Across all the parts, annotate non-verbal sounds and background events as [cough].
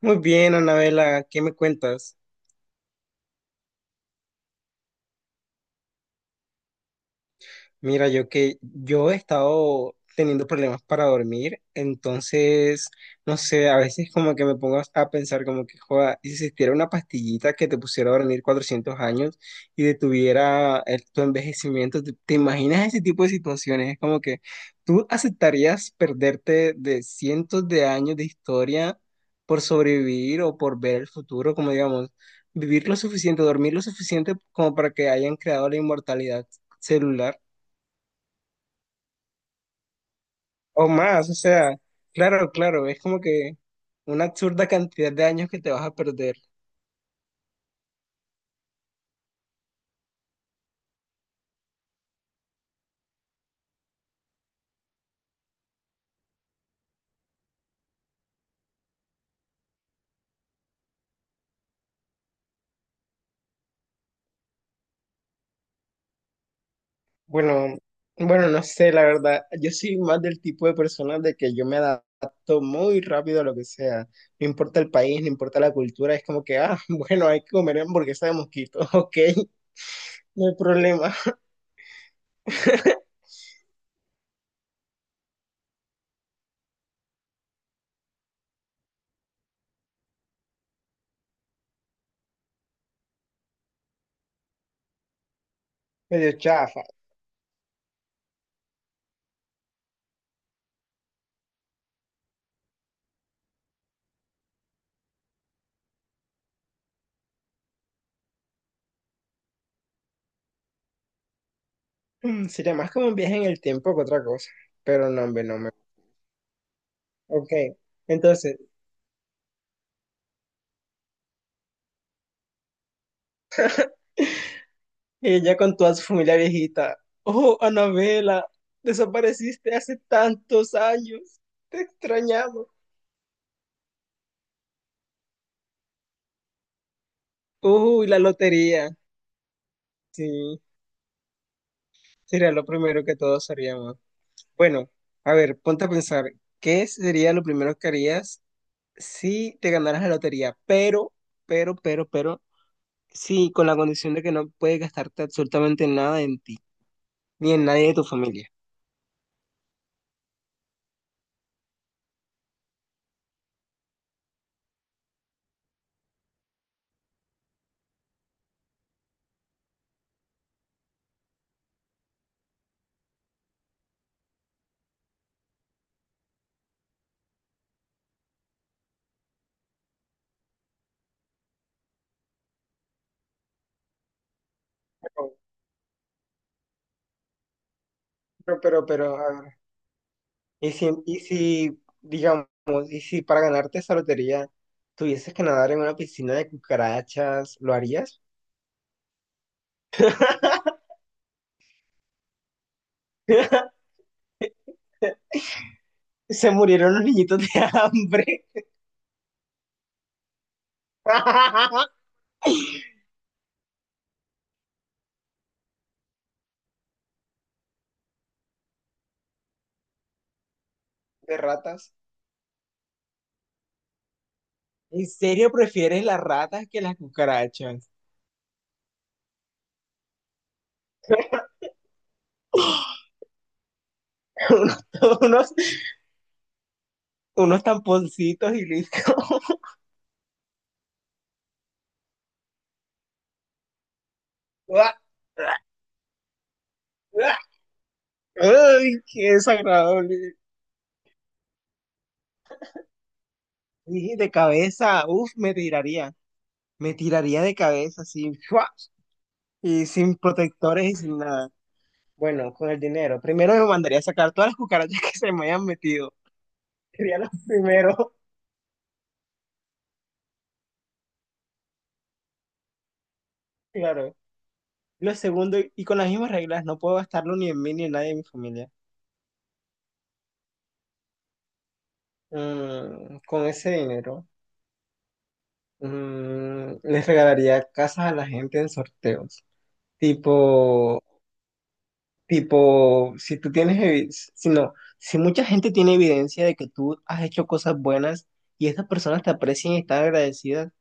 Muy bien, Anabela, ¿qué me cuentas? Mira, yo he estado teniendo problemas para dormir, entonces, no sé, a veces como que me pongo a pensar como que, joda, y si existiera una pastillita que te pusiera a dormir 400 años y detuviera tu envejecimiento, ¿te imaginas ese tipo de situaciones? Es como que tú aceptarías perderte de cientos de años de historia por sobrevivir o por ver el futuro, como digamos, vivir lo suficiente, dormir lo suficiente como para que hayan creado la inmortalidad celular. O más, o sea, claro, claro, es como que una absurda cantidad de años que te vas a perder. Bueno, bueno, no sé, la verdad, yo soy más del tipo de persona de que yo me adapto muy rápido a lo que sea, no importa el país, no importa la cultura, es como que, ah, [laughs] bueno, hay que comer hamburguesa de mosquito, [laughs] ok, no hay problema, [laughs] medio chafa. Sería más como un viaje en el tiempo que otra cosa, pero no, hombre, no me... Ok, entonces... Ella con toda su familia viejita. Oh, Anabela, desapareciste hace tantos años. Te extrañamos. Uy, la lotería. Sí, sería lo primero que todos haríamos. Bueno, a ver, ponte a pensar, ¿qué sería lo primero que harías si te ganaras la lotería? Pero, sí, con la condición de que no puedes gastarte absolutamente nada en ti, ni en nadie de tu familia. Pero, pero, a ver. Digamos, y si para ganarte esa lotería tuvieses que nadar en una piscina de cucarachas, ¿lo harías? [laughs] Se murieron los niñitos de hambre. [laughs] De ratas. ¿En serio prefieres las ratas que las cucarachas? [laughs] Unos, unos, unos tamponcitos y listo. [laughs] Uah, uah, uah. Ay, qué desagradable. Y de cabeza, uf, me tiraría. Me tiraría de cabeza, así. Fua. Y sin protectores y sin nada. Bueno, con el dinero. Primero me mandaría a sacar todas las cucarachas [laughs] que se me hayan metido. Sería lo primero, [laughs] claro. Lo segundo, y con las mismas reglas, no puedo gastarlo ni en mí ni en nadie de mi familia. Con ese dinero, les regalaría casas a la gente en sorteos. Tipo, tipo, si tú tienes, si no, si mucha gente tiene evidencia de que tú has hecho cosas buenas y estas personas te aprecian y están agradecidas,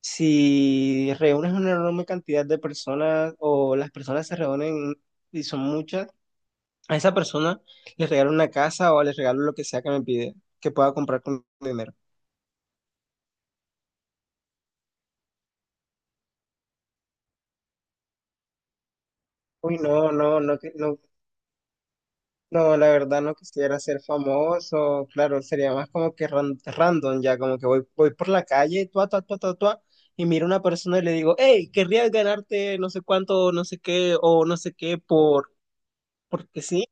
si reúnes una enorme cantidad de personas o las personas se reúnen y son muchas, a esa persona le regalo una casa o le regalo lo que sea que me pide, que pueda comprar con mi dinero. Uy, no, no, no, no, no, la verdad no quisiera ser famoso, claro, sería más como que random ya, como que voy, por la calle, tua, tua, tua, tua, tua, y miro a una persona y le digo, hey, querrías ganarte no sé cuánto, no sé qué, o no sé qué, por, porque sí.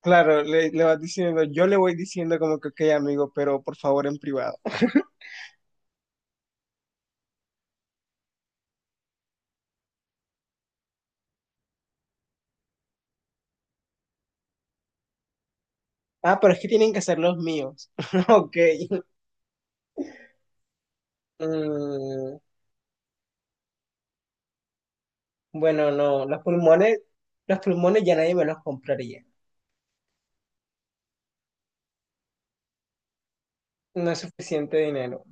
Claro, le vas diciendo, yo le voy diciendo como que, ok, amigo, pero por favor en privado. [laughs] Ah, pero es que tienen que ser los míos. [laughs] Ok. Mm, bueno, no, los pulmones ya nadie me los compraría. No es suficiente dinero.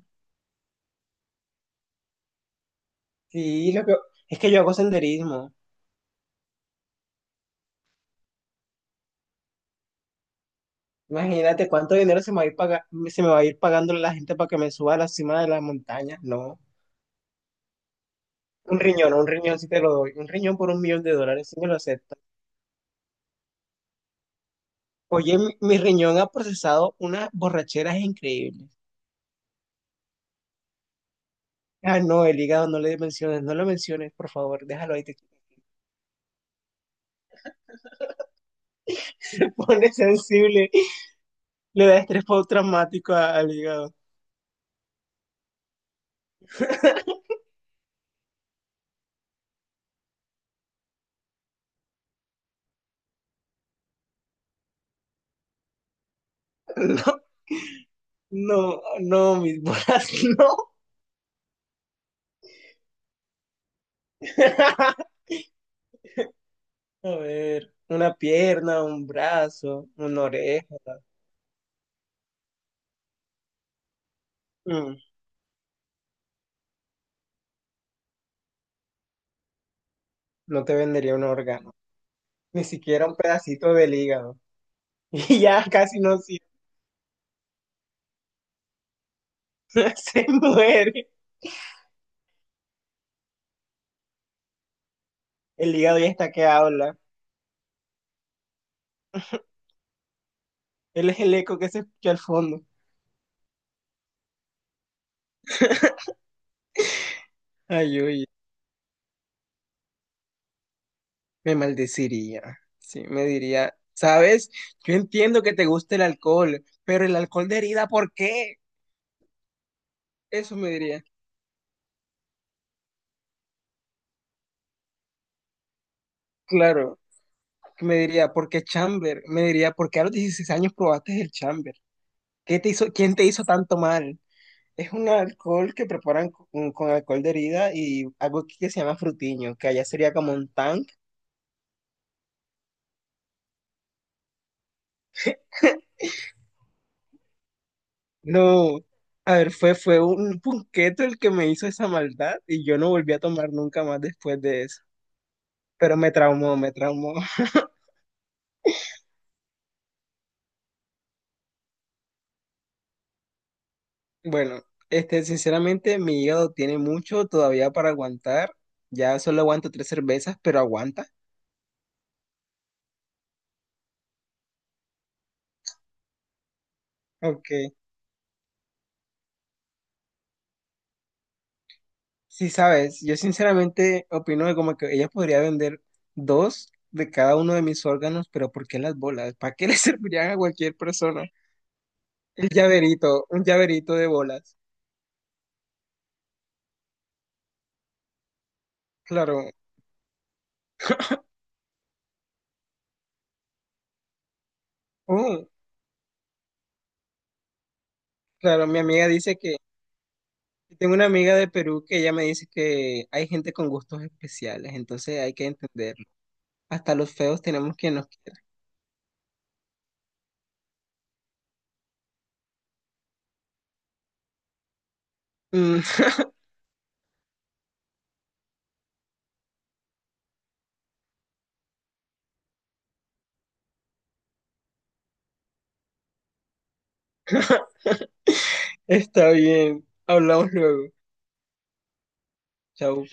Sí, lo que, es que yo hago senderismo. Imagínate cuánto dinero se me va a ir, se me va a ir pagando la gente para que me suba a la cima de las montañas. No. Un riñón sí te lo doy. Un riñón por $1 millón, sí me lo acepto. Oye, mi riñón ha procesado unas borracheras increíbles. Ah, no, el hígado no le menciones, no lo menciones, por favor, déjalo ahí. Te [laughs] te pone sensible, le da estrés postraumático al hígado. [laughs] No, no, no, mis bolas, [laughs] no. [laughs] A ver, una pierna, un brazo, una oreja. Mm, no te vendería un órgano, ni siquiera un pedacito del hígado. [laughs] Y ya casi no sirve, [laughs] se muere. El hígado ya está que habla. Él es el eco que se escucha al fondo. Ay, oye, me maldeciría. Sí, me diría, ¿sabes? Yo entiendo que te gusta el alcohol, pero el alcohol de herida, ¿por qué? Eso me diría. Claro, me diría, ¿por qué chamber? Me diría, ¿por qué a los 16 años probaste el chamber? ¿Qué te hizo, quién te hizo tanto mal? Es un alcohol que preparan con alcohol de herida y algo que se llama frutiño, que allá sería como un tan. No, a ver, fue un punqueto el que me hizo esa maldad y yo no volví a tomar nunca más después de eso. Pero me traumó, me traumó. [laughs] Bueno, sinceramente, mi hígado tiene mucho todavía para aguantar. Ya solo aguanto tres cervezas, pero aguanta. Ok. Sí, sabes, yo sinceramente opino que como que ella podría vender dos de cada uno de mis órganos, pero ¿por qué las bolas? ¿Para qué le [laughs] servirían a cualquier persona? El llaverito, un llaverito de bolas. Claro. Oh. Claro, mi amiga dice que, tengo una amiga de Perú que ella me dice que hay gente con gustos especiales, entonces hay que entender. Hasta los feos tenemos que nos... [laughs] Mm, está bien, hablamos luego. Chao.